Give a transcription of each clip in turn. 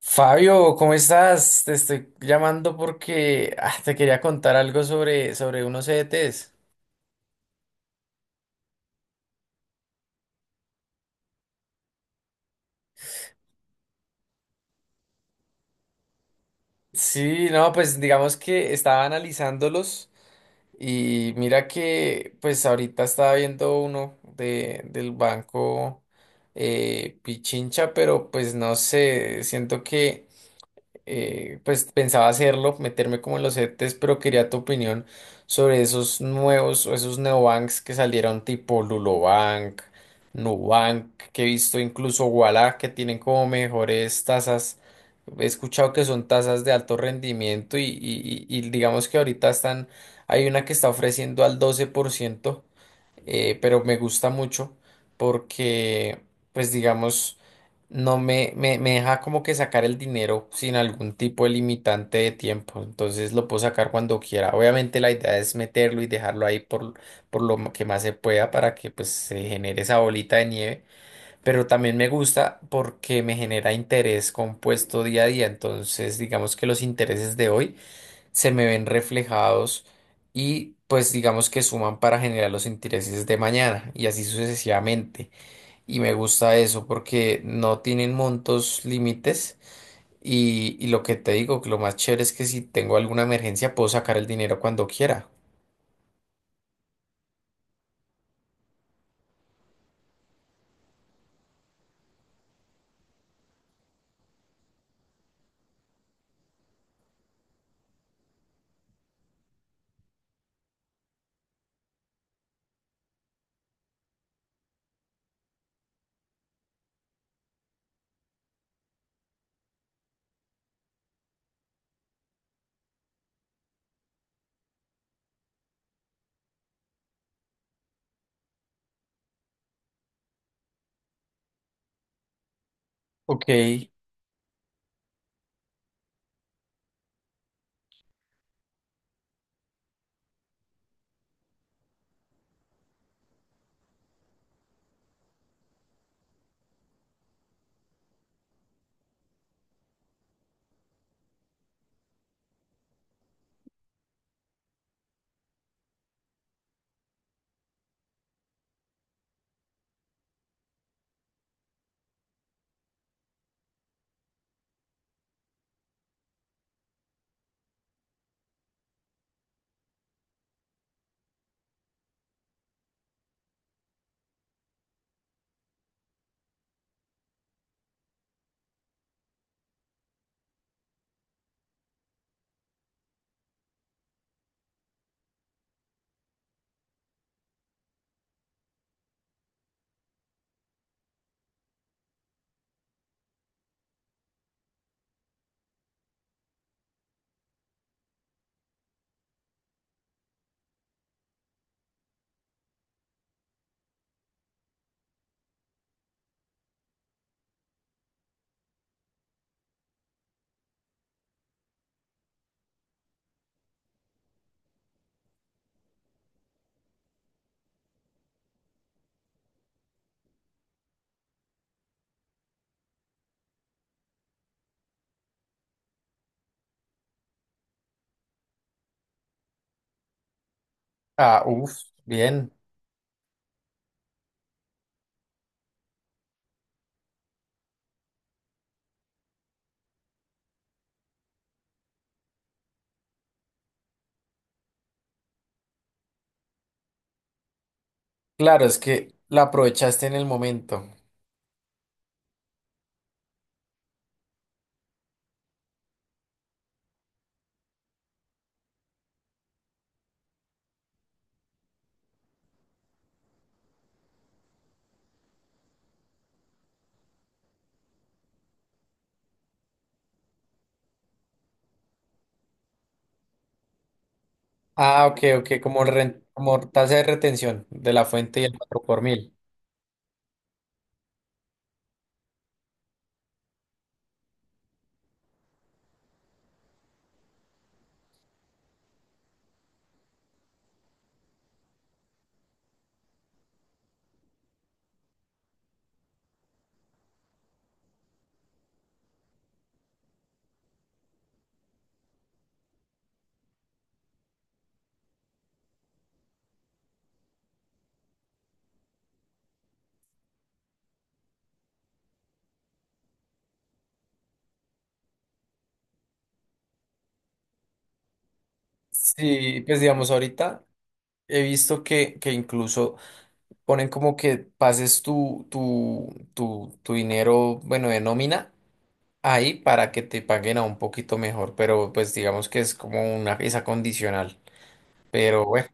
Fabio, ¿cómo estás? Te estoy llamando porque te quería contar algo sobre unos ETs. Sí, no, pues digamos que estaba analizándolos y mira que pues ahorita estaba viendo uno del banco Pichincha, pero pues no sé, siento que pues pensaba hacerlo, meterme como en los ETs, pero quería tu opinión sobre esos nuevos o esos neobanks que salieron tipo Lulobank, Nubank, que he visto incluso Ualá, que tienen como mejores tasas. He escuchado que son tasas de alto rendimiento y digamos que ahorita están, hay una que está ofreciendo al 12% pero me gusta mucho porque, pues digamos, no me deja como que sacar el dinero sin algún tipo de limitante de tiempo, entonces lo puedo sacar cuando quiera. Obviamente la idea es meterlo y dejarlo ahí por lo que más se pueda para que pues se genere esa bolita de nieve, pero también me gusta porque me genera interés compuesto día a día, entonces digamos que los intereses de hoy se me ven reflejados y pues digamos que suman para generar los intereses de mañana y así sucesivamente. Y me gusta eso porque no tienen montos límites y lo que te digo, que lo más chévere es que si tengo alguna emergencia puedo sacar el dinero cuando quiera. Ok, ah, uff, bien. Claro, es que la aprovechaste en el momento. Ah, ok, ok, como tasa de retención de la fuente y el 4 por mil. Sí, pues digamos ahorita. He visto que incluso ponen como que pases tu dinero, bueno, de nómina ahí para que te paguen a un poquito mejor, pero pues digamos que es como una esa condicional. Pero bueno,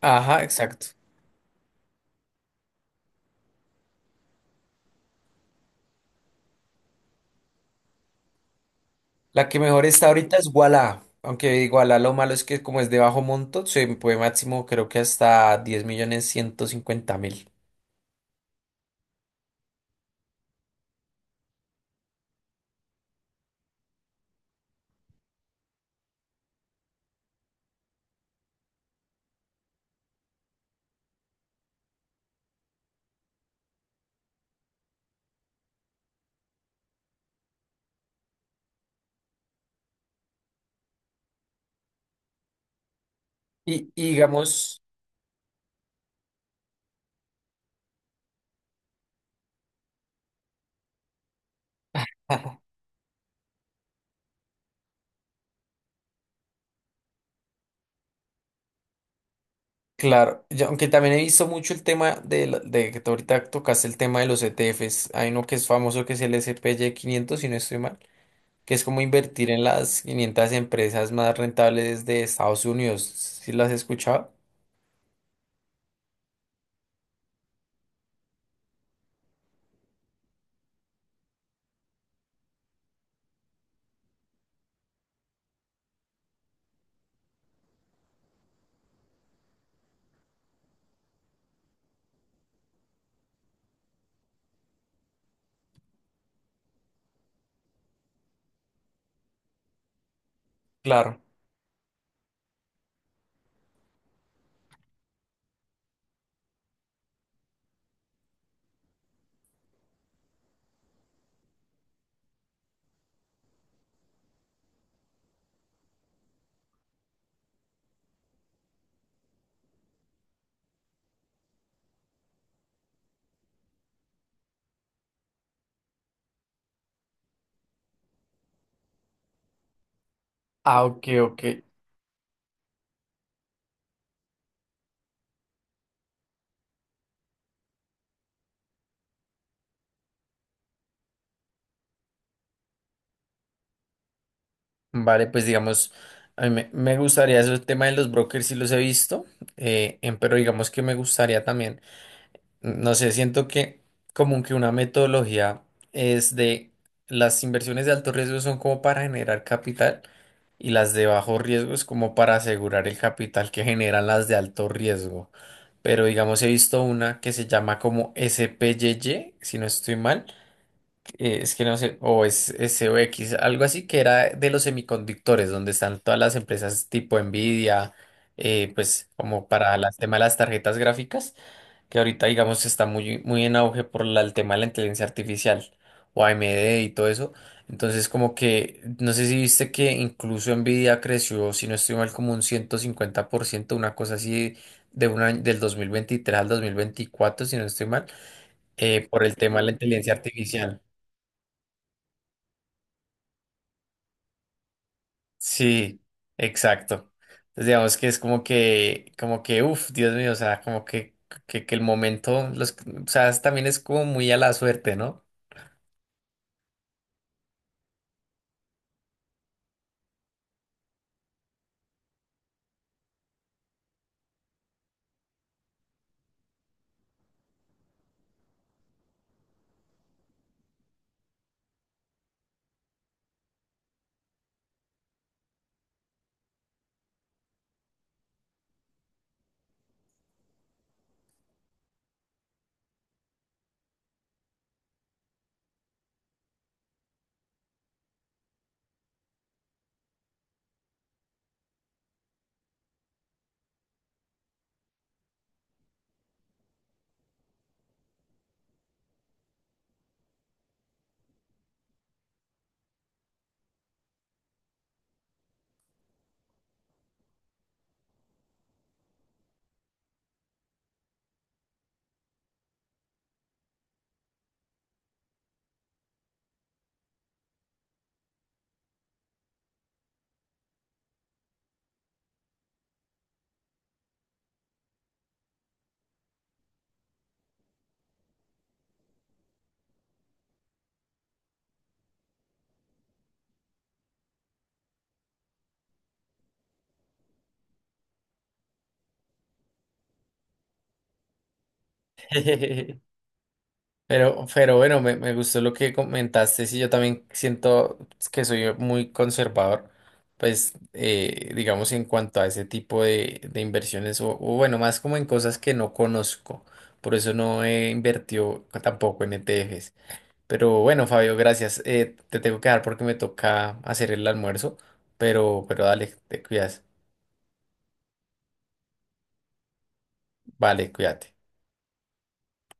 ajá, exacto. La que mejor está ahorita es Wala, aunque Wala lo malo es que como es de bajo monto, se puede máximo creo que hasta 10.150.000. Y digamos. Claro, aunque también he visto mucho el tema de que tú ahorita tocaste el tema de los ETFs. Hay uno que es famoso que es el S P SPY 500 si no estoy mal, que es como invertir en las 500 empresas más rentables de Estados Unidos. ¿Sí las has escuchado? Claro. Ah, ok, ok. Vale, pues digamos, a mí me gustaría eso, el tema de los brokers, sí los he visto, pero digamos que me gustaría también. No sé, siento que como que una metodología es de las inversiones de alto riesgo son como para generar capital y las de bajo riesgo es como para asegurar el capital que generan las de alto riesgo. Pero digamos, he visto una que se llama como SPYY, si no estoy mal, es que no sé, o es SOX, algo así que era de los semiconductores, donde están todas las empresas tipo Nvidia, pues como para las tema de las tarjetas gráficas que ahorita, digamos, está muy, muy en auge por el tema de la inteligencia artificial o AMD y todo eso. Entonces, como que, no sé si viste que incluso Nvidia creció, si no estoy mal, como un 150% una cosa así de un año, del 2023 al 2024 si no estoy mal, por el tema de la inteligencia artificial. Sí, exacto. Entonces, digamos que es como que, uff, Dios mío, o sea, como que el momento, los, o sea, también es como muy a la suerte, ¿no? Pero bueno, me gustó lo que comentaste. Sí, yo también siento que soy muy conservador, pues digamos en cuanto a ese tipo de inversiones, o bueno, más como en cosas que no conozco. Por eso no he invertido tampoco en ETFs. Pero bueno, Fabio, gracias. Te tengo que dar porque me toca hacer el almuerzo, pero dale, te cuidas. Vale, cuídate.